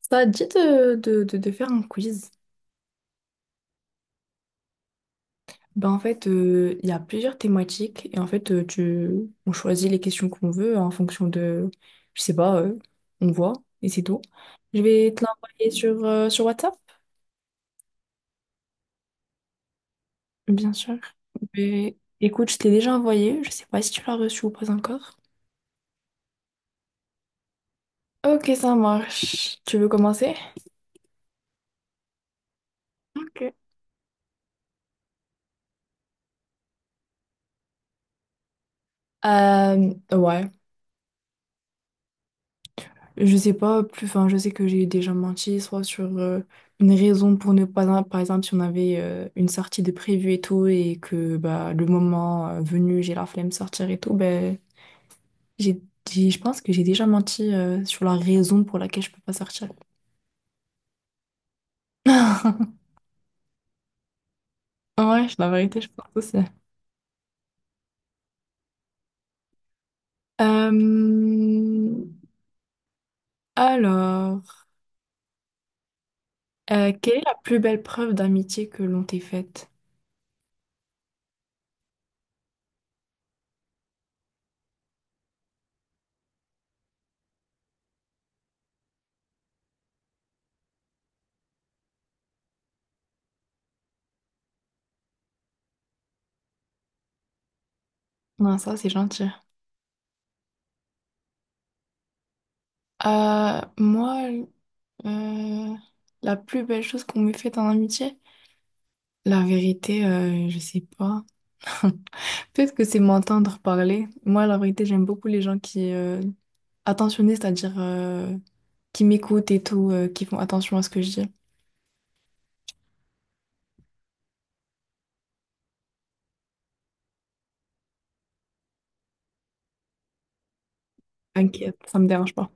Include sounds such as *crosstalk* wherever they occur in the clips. Ça te dit de faire un quiz? Il y a plusieurs thématiques et on choisit les questions qu'on veut en fonction de, je sais pas, on voit et c'est tout. Je vais te l'envoyer sur WhatsApp, bien sûr. Mais écoute, je t'ai déjà envoyé, je sais pas si tu l'as reçu ou pas encore. Ok, ça marche. Tu veux commencer? Ok. Ouais. Je sais pas, plus, enfin, je sais que j'ai déjà menti, soit sur une raison pour ne pas, par exemple, si on avait une sortie de prévue et tout, et que bah, le moment venu, j'ai la flemme de sortir et tout, ben, j'ai, je pense que j'ai déjà menti sur la raison pour laquelle je peux pas sortir. *laughs* Ouais, la vérité, je pense aussi. Euh, alors, Quelle est la plus belle preuve d'amitié que l'on t'ait faite? Non, ça, c'est gentil. Euh, moi, Euh, la plus belle chose qu'on m'ait faite en amitié? La vérité, je sais pas. *laughs* Peut-être que c'est m'entendre parler. Moi, la vérité, j'aime beaucoup les gens qui attentionnés, c'est-à-dire qui m'écoutent et tout, qui font attention à ce que je dis. T'inquiète, ça me dérange pas.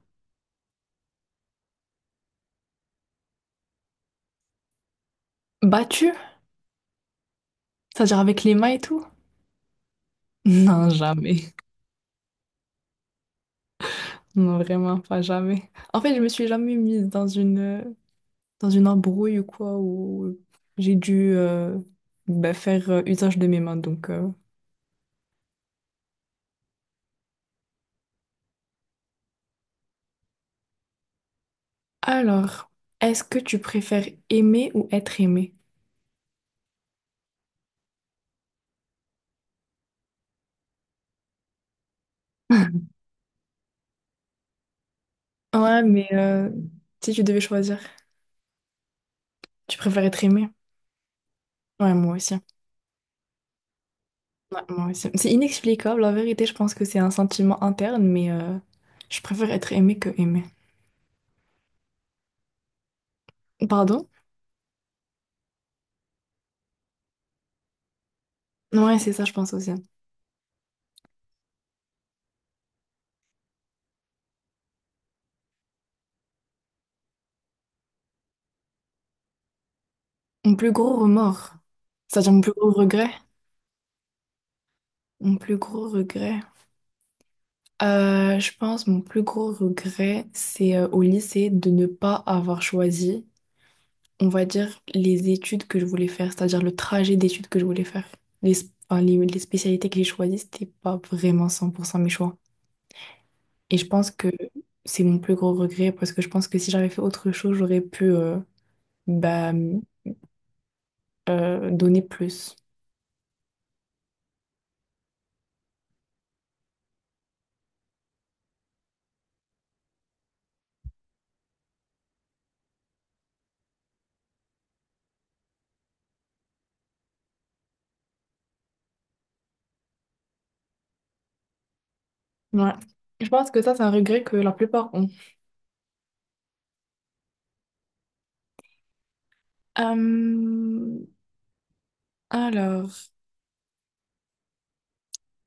Battu? C'est-à-dire avec les mains et tout? *laughs* Non, jamais. Non, vraiment pas jamais. En fait, je me suis jamais mise dans une embrouille ou quoi, où j'ai dû bah, faire usage de mes mains, donc... Alors, est-ce que tu préfères aimer ou être aimé? *laughs* Ouais, mais si tu devais choisir, tu préfères être aimé? Ouais, moi aussi. Ouais, moi aussi. C'est inexplicable, la vérité, je pense que c'est un sentiment interne, mais je préfère être aimé que aimé. Pardon? Ouais, c'est ça, je pense aussi. Mon plus gros remords, c'est-à-dire mon plus gros regret? Mon plus gros regret. Je pense mon plus gros regret, c'est au lycée de ne pas avoir choisi. On va dire, les études que je voulais faire, c'est-à-dire le trajet d'études que je voulais faire. Les, sp- enfin, les spécialités que j'ai choisies, c'était pas vraiment 100% mes choix. Et je pense que c'est mon plus gros regret parce que je pense que si j'avais fait autre chose, j'aurais pu bah, donner plus. Ouais. Je pense que ça, c'est un regret que la plupart ont. Euh, alors,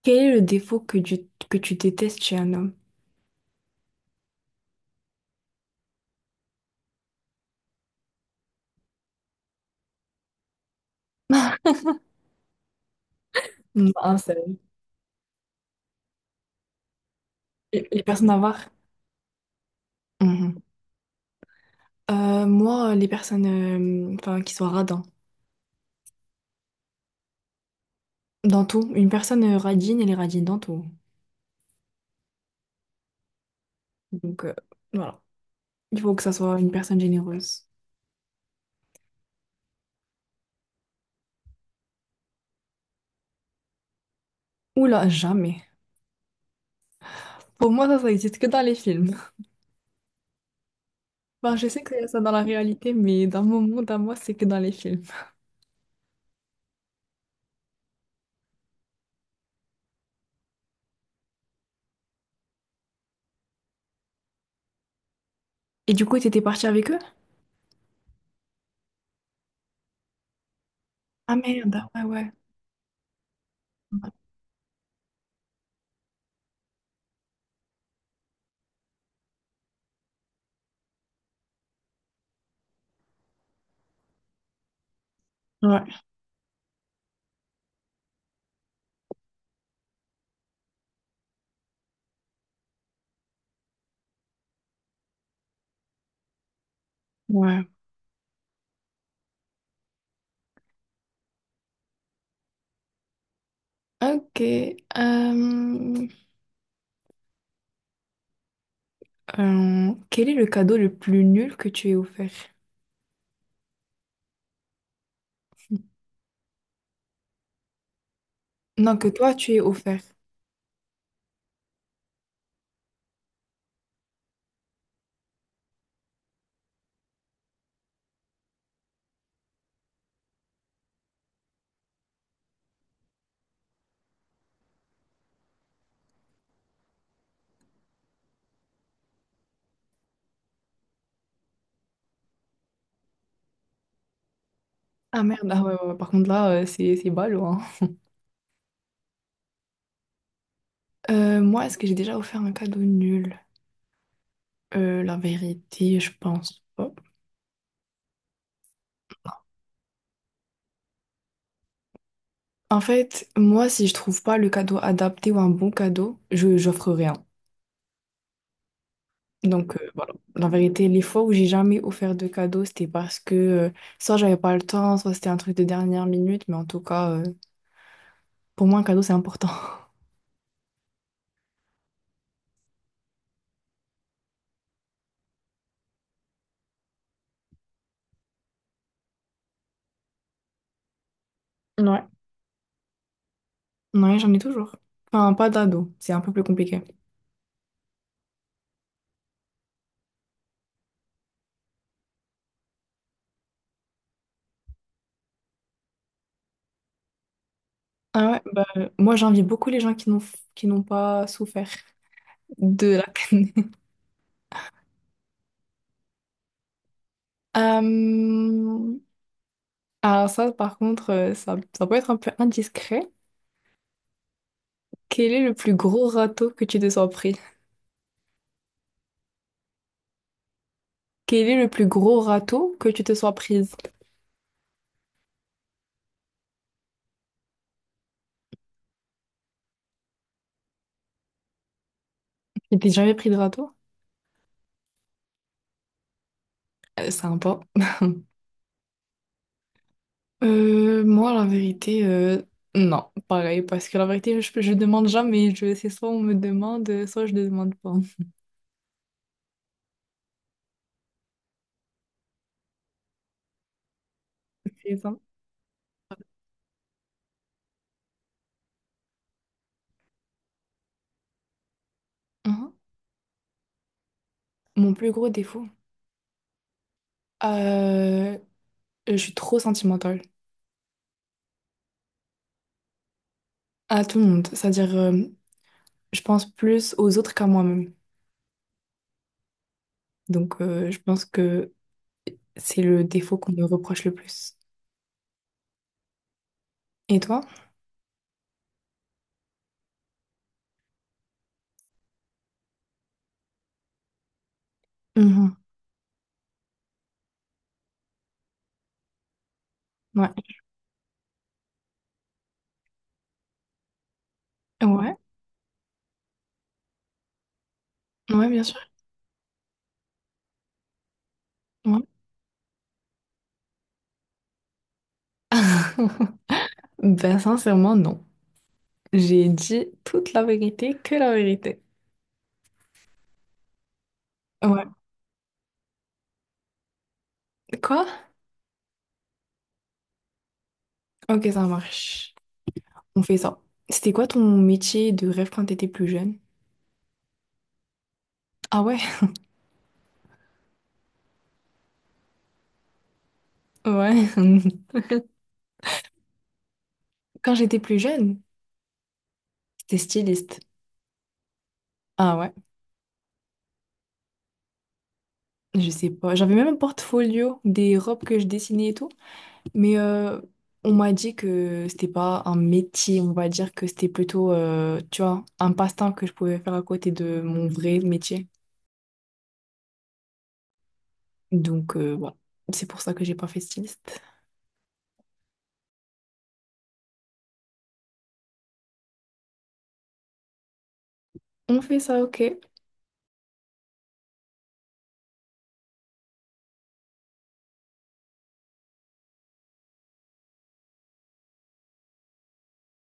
Quel est le défaut que tu détestes chez un homme? *laughs* Un seul. Les personnes avares. Moi, les personnes qui sont radins. Dans tout, une personne radine, elle est radine dans tout. Donc, voilà. Il faut que ça soit une personne généreuse. Oula, jamais. Pour moi, ça existe que dans les films. *laughs* Enfin, je sais que c'est ça dans la réalité, mais dans mon monde, à moi, c'est que dans les films. Et du coup, t'étais partie avec eux? Ah merde, ah ouais, ouais. Ouais, ouais. Ok. euh, Quel est le cadeau le plus nul que tu aies offert? Non, que toi, tu aies offert. Ah merde, ah ouais, ouais, ouais. Par contre là, c'est ballot, hein. Moi, est-ce que j'ai déjà offert un cadeau nul? La vérité, je pense pas. En fait, moi, si je trouve pas le cadeau adapté ou un bon cadeau, je j'offre rien. Donc voilà. La vérité, les fois où j'ai jamais offert de cadeau, c'était parce que soit j'avais pas le temps, soit c'était un truc de dernière minute, mais en tout cas, pour moi, un cadeau, c'est important. Ouais. Ouais, j'en ai toujours. Enfin, pas d'ado, c'est un peu plus compliqué. Ah ouais, moi j'envie beaucoup les gens qui n'ont pas souffert de la canne. *laughs* Euh, alors ça, par contre, ça, ça peut être un peu indiscret. Quel est le plus gros râteau que tu te sois pris? Quel est le plus gros râteau que tu te sois prise? Tu t'es jamais pris de râteau? Sympa. Moi, la vérité, non, pareil, parce que la vérité, je demande jamais. Je, c'est soit on me demande, soit je ne demande pas. *laughs* C'est ça. Mhm. Mon plus gros défaut, euh, je suis trop sentimentale. À tout le monde. C'est-à-dire, je pense plus aux autres qu'à moi-même. Donc, je pense que c'est le défaut qu'on me reproche le plus. Et toi? Mhm. Ouais. Ouais. Ouais, bien sûr. Ouais. *laughs* Ben, sincèrement, non. J'ai dit toute la vérité, que la vérité. Ouais. Quoi? Ok, ça marche. On fait ça. C'était quoi ton métier de rêve quand t'étais plus jeune? Ah ouais? Ouais. *laughs* Quand j'étais plus jeune, c'était styliste. Ah ouais? Je sais pas. J'avais même un portfolio des robes que je dessinais et tout. Mais on m'a dit que c'était pas un métier, on va dire que c'était plutôt, tu vois, un passe-temps que je pouvais faire à côté de mon vrai métier. Donc voilà, c'est pour ça que j'ai pas fait styliste. On fait ça, ok.